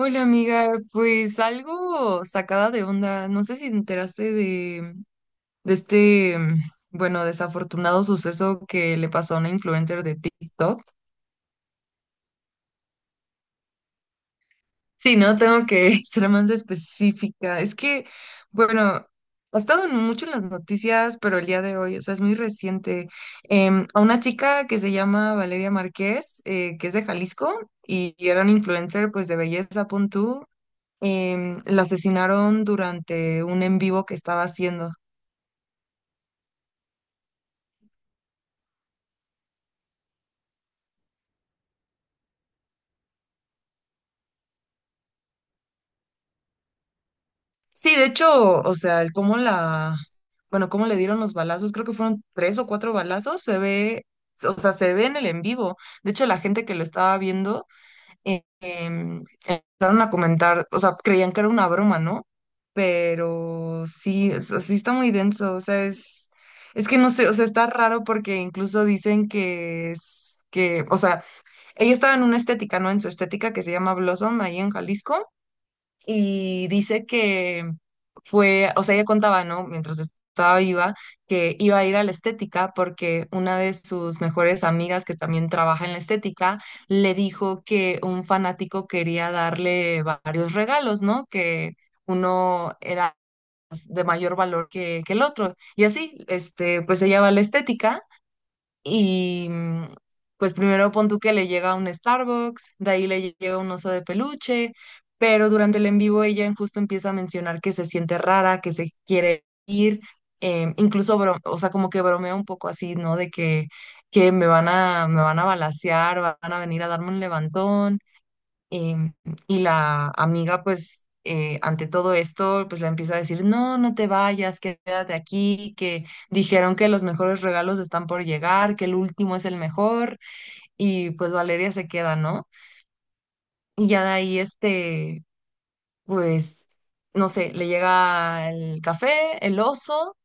Hola amiga, pues algo sacada de onda. No sé si te enteraste de este, bueno, desafortunado suceso que le pasó a una influencer de TikTok. Sí, ¿no? Tengo que ser más específica. Es que, bueno, ha estado mucho en las noticias, pero el día de hoy, o sea, es muy reciente. A una chica que se llama Valeria Márquez, que es de Jalisco y era una influencer pues de belleza, punto. La asesinaron durante un en vivo que estaba haciendo. Sí, de hecho, o sea, bueno, cómo le dieron los balazos, creo que fueron tres o cuatro balazos, o sea, se ve en el en vivo. De hecho, la gente que lo estaba viendo empezaron a comentar, o sea, creían que era una broma, ¿no? Pero sí, o sea, sí está muy denso, o sea, es que no sé, o sea, está raro porque incluso dicen que o sea, ella estaba en una estética, ¿no? En su estética que se llama Blossom, ahí en Jalisco, y dice que o sea, ella contaba, ¿no? Mientras estaba viva, que iba a ir a la estética porque una de sus mejores amigas que también trabaja en la estética le dijo que un fanático quería darle varios regalos, ¿no? Que uno era de mayor valor que el otro. Y así, pues ella va a la estética y pues primero pon tú que le llega un Starbucks, de ahí le llega un oso de peluche, pero durante el en vivo ella en justo empieza a mencionar que se siente rara, que se quiere ir, incluso, o sea, como que bromea un poco así, ¿no? De que me van a balacear, van a venir a darme un levantón. Em, y la amiga, pues, ante todo esto, pues le empieza a decir, no, no te vayas, quédate aquí, que dijeron que los mejores regalos están por llegar, que el último es el mejor, y pues Valeria se queda, ¿no? Y ya de ahí, pues, no sé, le llega el café, el oso,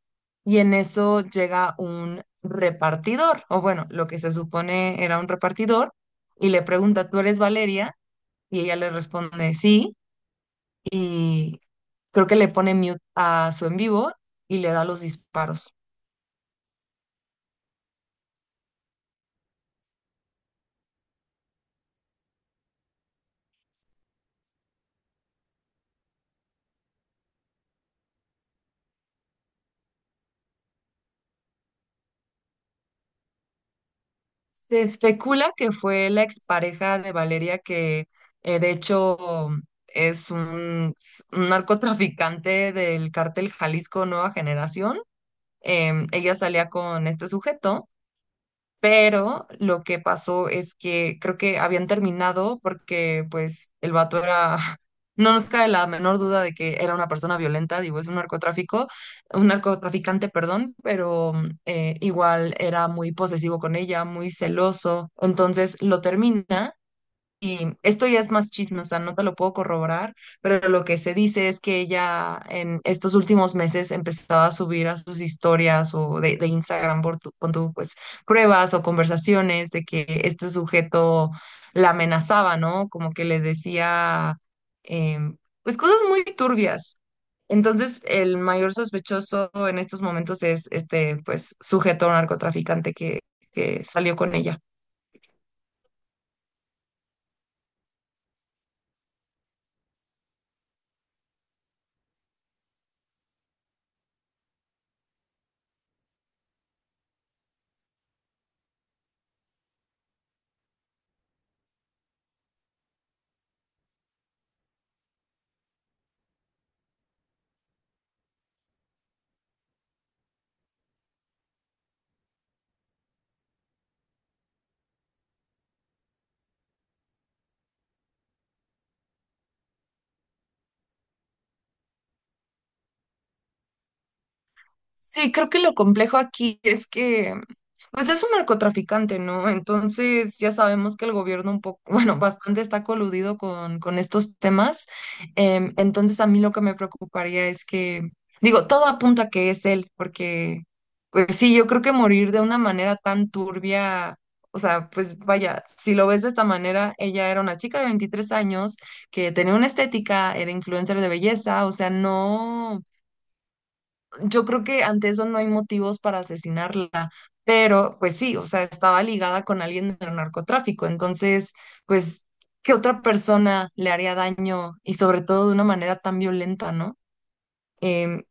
y en eso llega un repartidor, o bueno, lo que se supone era un repartidor, y le pregunta, ¿tú eres Valeria? Y ella le responde, sí. Y creo que le pone mute a su en vivo y le da los disparos. Se especula que fue la expareja de Valeria que de hecho es un narcotraficante del cártel Jalisco Nueva Generación. Ella salía con este sujeto. Pero lo que pasó es que creo que habían terminado porque pues el vato era, no nos cabe la menor duda de que era una persona violenta, digo, es un narcotráfico, un narcotraficante, perdón, pero igual era muy posesivo con ella, muy celoso. Entonces lo termina, y esto ya es más chisme, o sea, no te lo puedo corroborar, pero lo que se dice es que ella en estos últimos meses empezaba a subir a sus historias o de Instagram pon tú, pues pruebas o conversaciones de que este sujeto la amenazaba, ¿no? Como que le decía, em, pues cosas muy turbias. Entonces, el mayor sospechoso en estos momentos es este, pues, sujeto narcotraficante que salió con ella. Sí, creo que lo complejo aquí es que, pues es un narcotraficante, ¿no? Entonces ya sabemos que el gobierno un poco, bueno, bastante está coludido con estos temas. Entonces, a mí lo que me preocuparía es que, digo, todo apunta a que es él, porque, pues sí, yo creo que morir de una manera tan turbia, o sea, pues vaya, si lo ves de esta manera, ella era una chica de 23 años que tenía una estética, era influencer de belleza, o sea, no, yo creo que ante eso no hay motivos para asesinarla, pero pues sí, o sea, estaba ligada con alguien del narcotráfico, entonces, pues, ¿qué otra persona le haría daño y sobre todo de una manera tan violenta? ¿No? Em,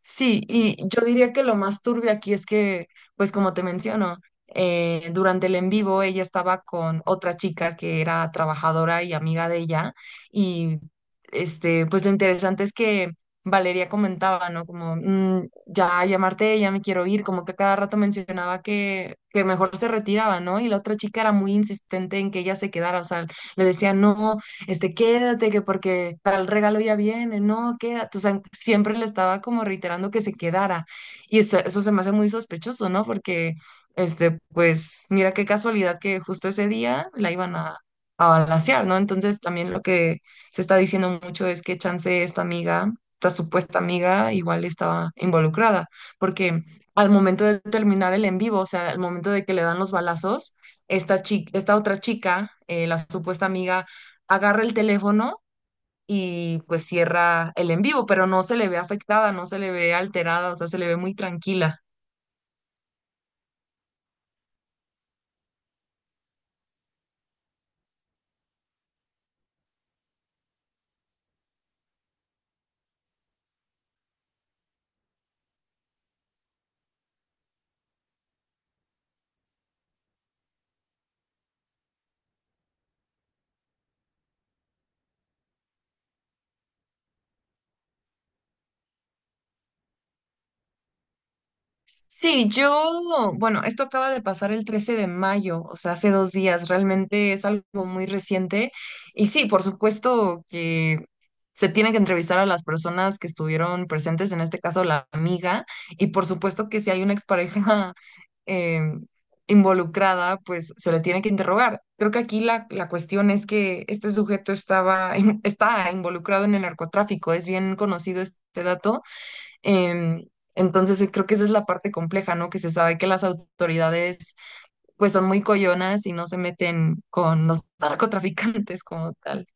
Sí, y yo diría que lo más turbio aquí es que, pues como te menciono, durante el en vivo ella estaba con otra chica que era trabajadora y amiga de ella, y pues lo interesante es que Valeria comentaba, ¿no? Como, "Mm, ya llamarte, ya me quiero ir", como que cada rato mencionaba que mejor se retiraba, ¿no? Y la otra chica era muy insistente en que ella se quedara, o sea, le decía, no, quédate, que porque tal regalo ya viene, no, quédate. O sea, siempre le estaba como reiterando que se quedara. Y eso se me hace muy sospechoso, ¿no? Porque, pues, mira qué casualidad que justo ese día la iban a balacear, ¿no? Entonces, también lo que se está diciendo mucho es que chance esta amiga, esta supuesta amiga, igual estaba involucrada, porque al momento de terminar el en vivo, o sea, al momento de que le dan los balazos, esta chica, esta otra chica, la supuesta amiga, agarra el teléfono y pues cierra el en vivo, pero no se le ve afectada, no se le ve alterada, o sea, se le ve muy tranquila. Sí, yo, bueno, esto acaba de pasar el 13 de mayo, o sea, hace 2 días, realmente es algo muy reciente. Y sí, por supuesto que se tiene que entrevistar a las personas que estuvieron presentes, en este caso la amiga, y por supuesto que si hay una expareja em, involucrada, pues se le tiene que interrogar. Creo que aquí la cuestión es que este sujeto estaba, está involucrado en el narcotráfico, es bien conocido este dato. Em, entonces, creo que esa es la parte compleja, ¿no? Que se sabe que las autoridades pues son muy coyonas y no se meten con los narcotraficantes como tal.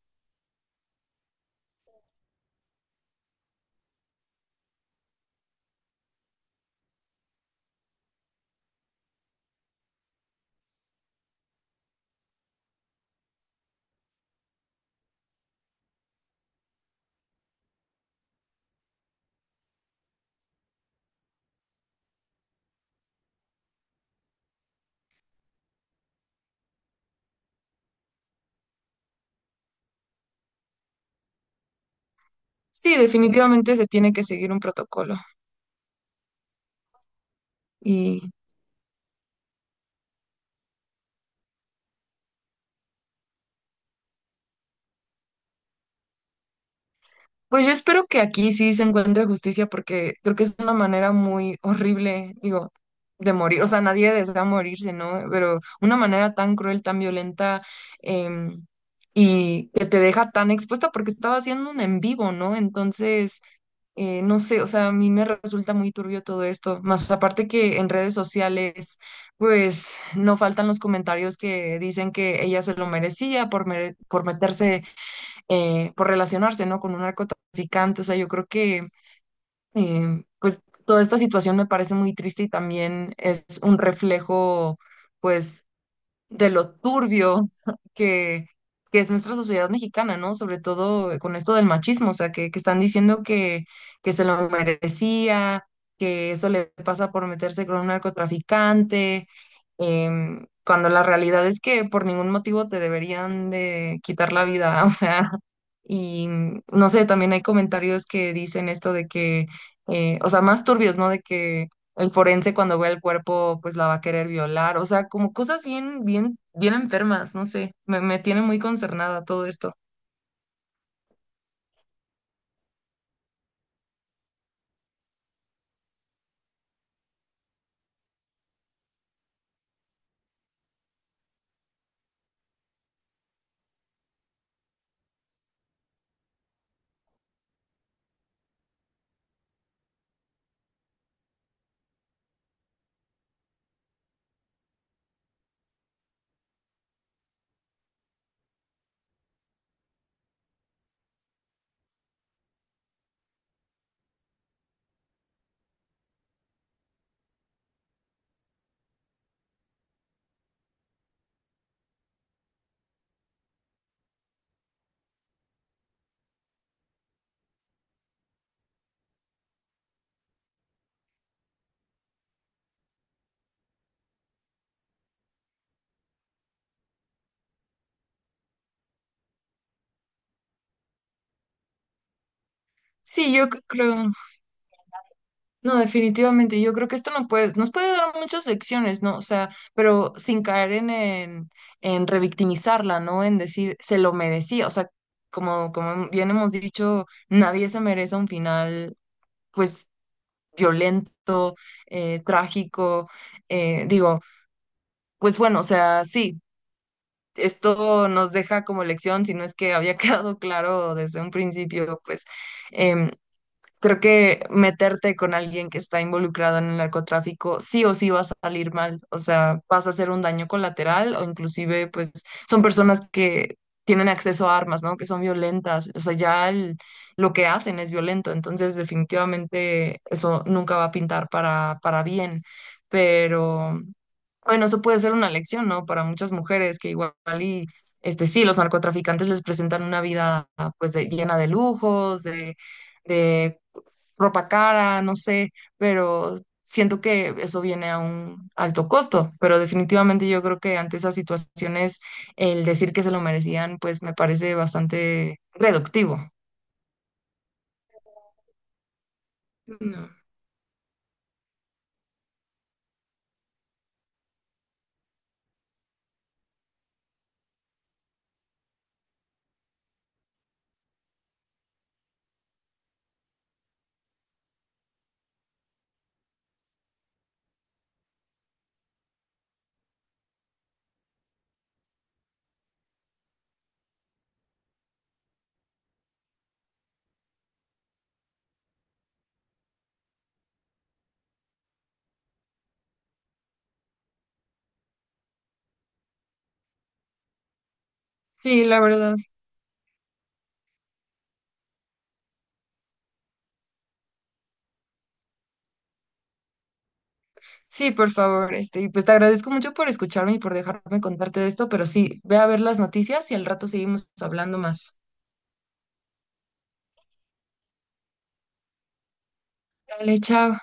Sí, definitivamente se tiene que seguir un protocolo, y pues yo espero que aquí sí se encuentre justicia porque creo que es una manera muy horrible, digo, de morir, o sea, nadie desea morirse, ¿no? Pero una manera tan cruel, tan violenta, em, y que te deja tan expuesta porque estaba haciendo un en vivo, ¿no? Entonces, no sé, o sea, a mí me resulta muy turbio todo esto, más aparte que en redes sociales, pues no faltan los comentarios que dicen que ella se lo merecía por meterse, por relacionarse, ¿no? Con un narcotraficante, o sea, yo creo que, pues, toda esta situación me parece muy triste y también es un reflejo, pues, de lo turbio que, que es nuestra sociedad mexicana, ¿no? Sobre todo con esto del machismo, o sea, que están diciendo que se lo merecía, que eso le pasa por meterse con un narcotraficante, cuando la realidad es que por ningún motivo te deberían de quitar la vida, o sea, y no sé, también hay comentarios que dicen esto de que, o sea, más turbios, ¿no? De que el forense cuando vea el cuerpo, pues la va a querer violar. O sea, como cosas bien, bien, bien enfermas, no sé. Me tiene muy concernada todo esto. Sí, yo creo, no, definitivamente, yo creo que esto no puede, nos puede dar muchas lecciones, ¿no? O sea, pero sin caer en revictimizarla, ¿no? En decir, se lo merecía. O sea, como bien hemos dicho, nadie se merece un final, pues, violento, trágico. Digo, pues bueno, o sea, sí, esto nos deja como lección, si no es que había quedado claro desde un principio, pues, em, creo que meterte con alguien que está involucrado en el narcotráfico sí o sí va a salir mal, o sea, vas a hacer un daño colateral o inclusive pues son personas que tienen acceso a armas, ¿no? Que son violentas, o sea, ya lo que hacen es violento, entonces definitivamente eso nunca va a pintar para bien, pero bueno, eso puede ser una lección, ¿no? Para muchas mujeres que igual y, sí, los narcotraficantes les presentan una vida pues llena de lujos, de ropa cara, no sé, pero siento que eso viene a un alto costo, pero definitivamente yo creo que ante esas situaciones el decir que se lo merecían, pues me parece bastante reductivo. No. Sí, la verdad. Sí, por favor, y pues te agradezco mucho por escucharme y por dejarme contarte de esto, pero sí, ve a ver las noticias y al rato seguimos hablando más. Dale, chao.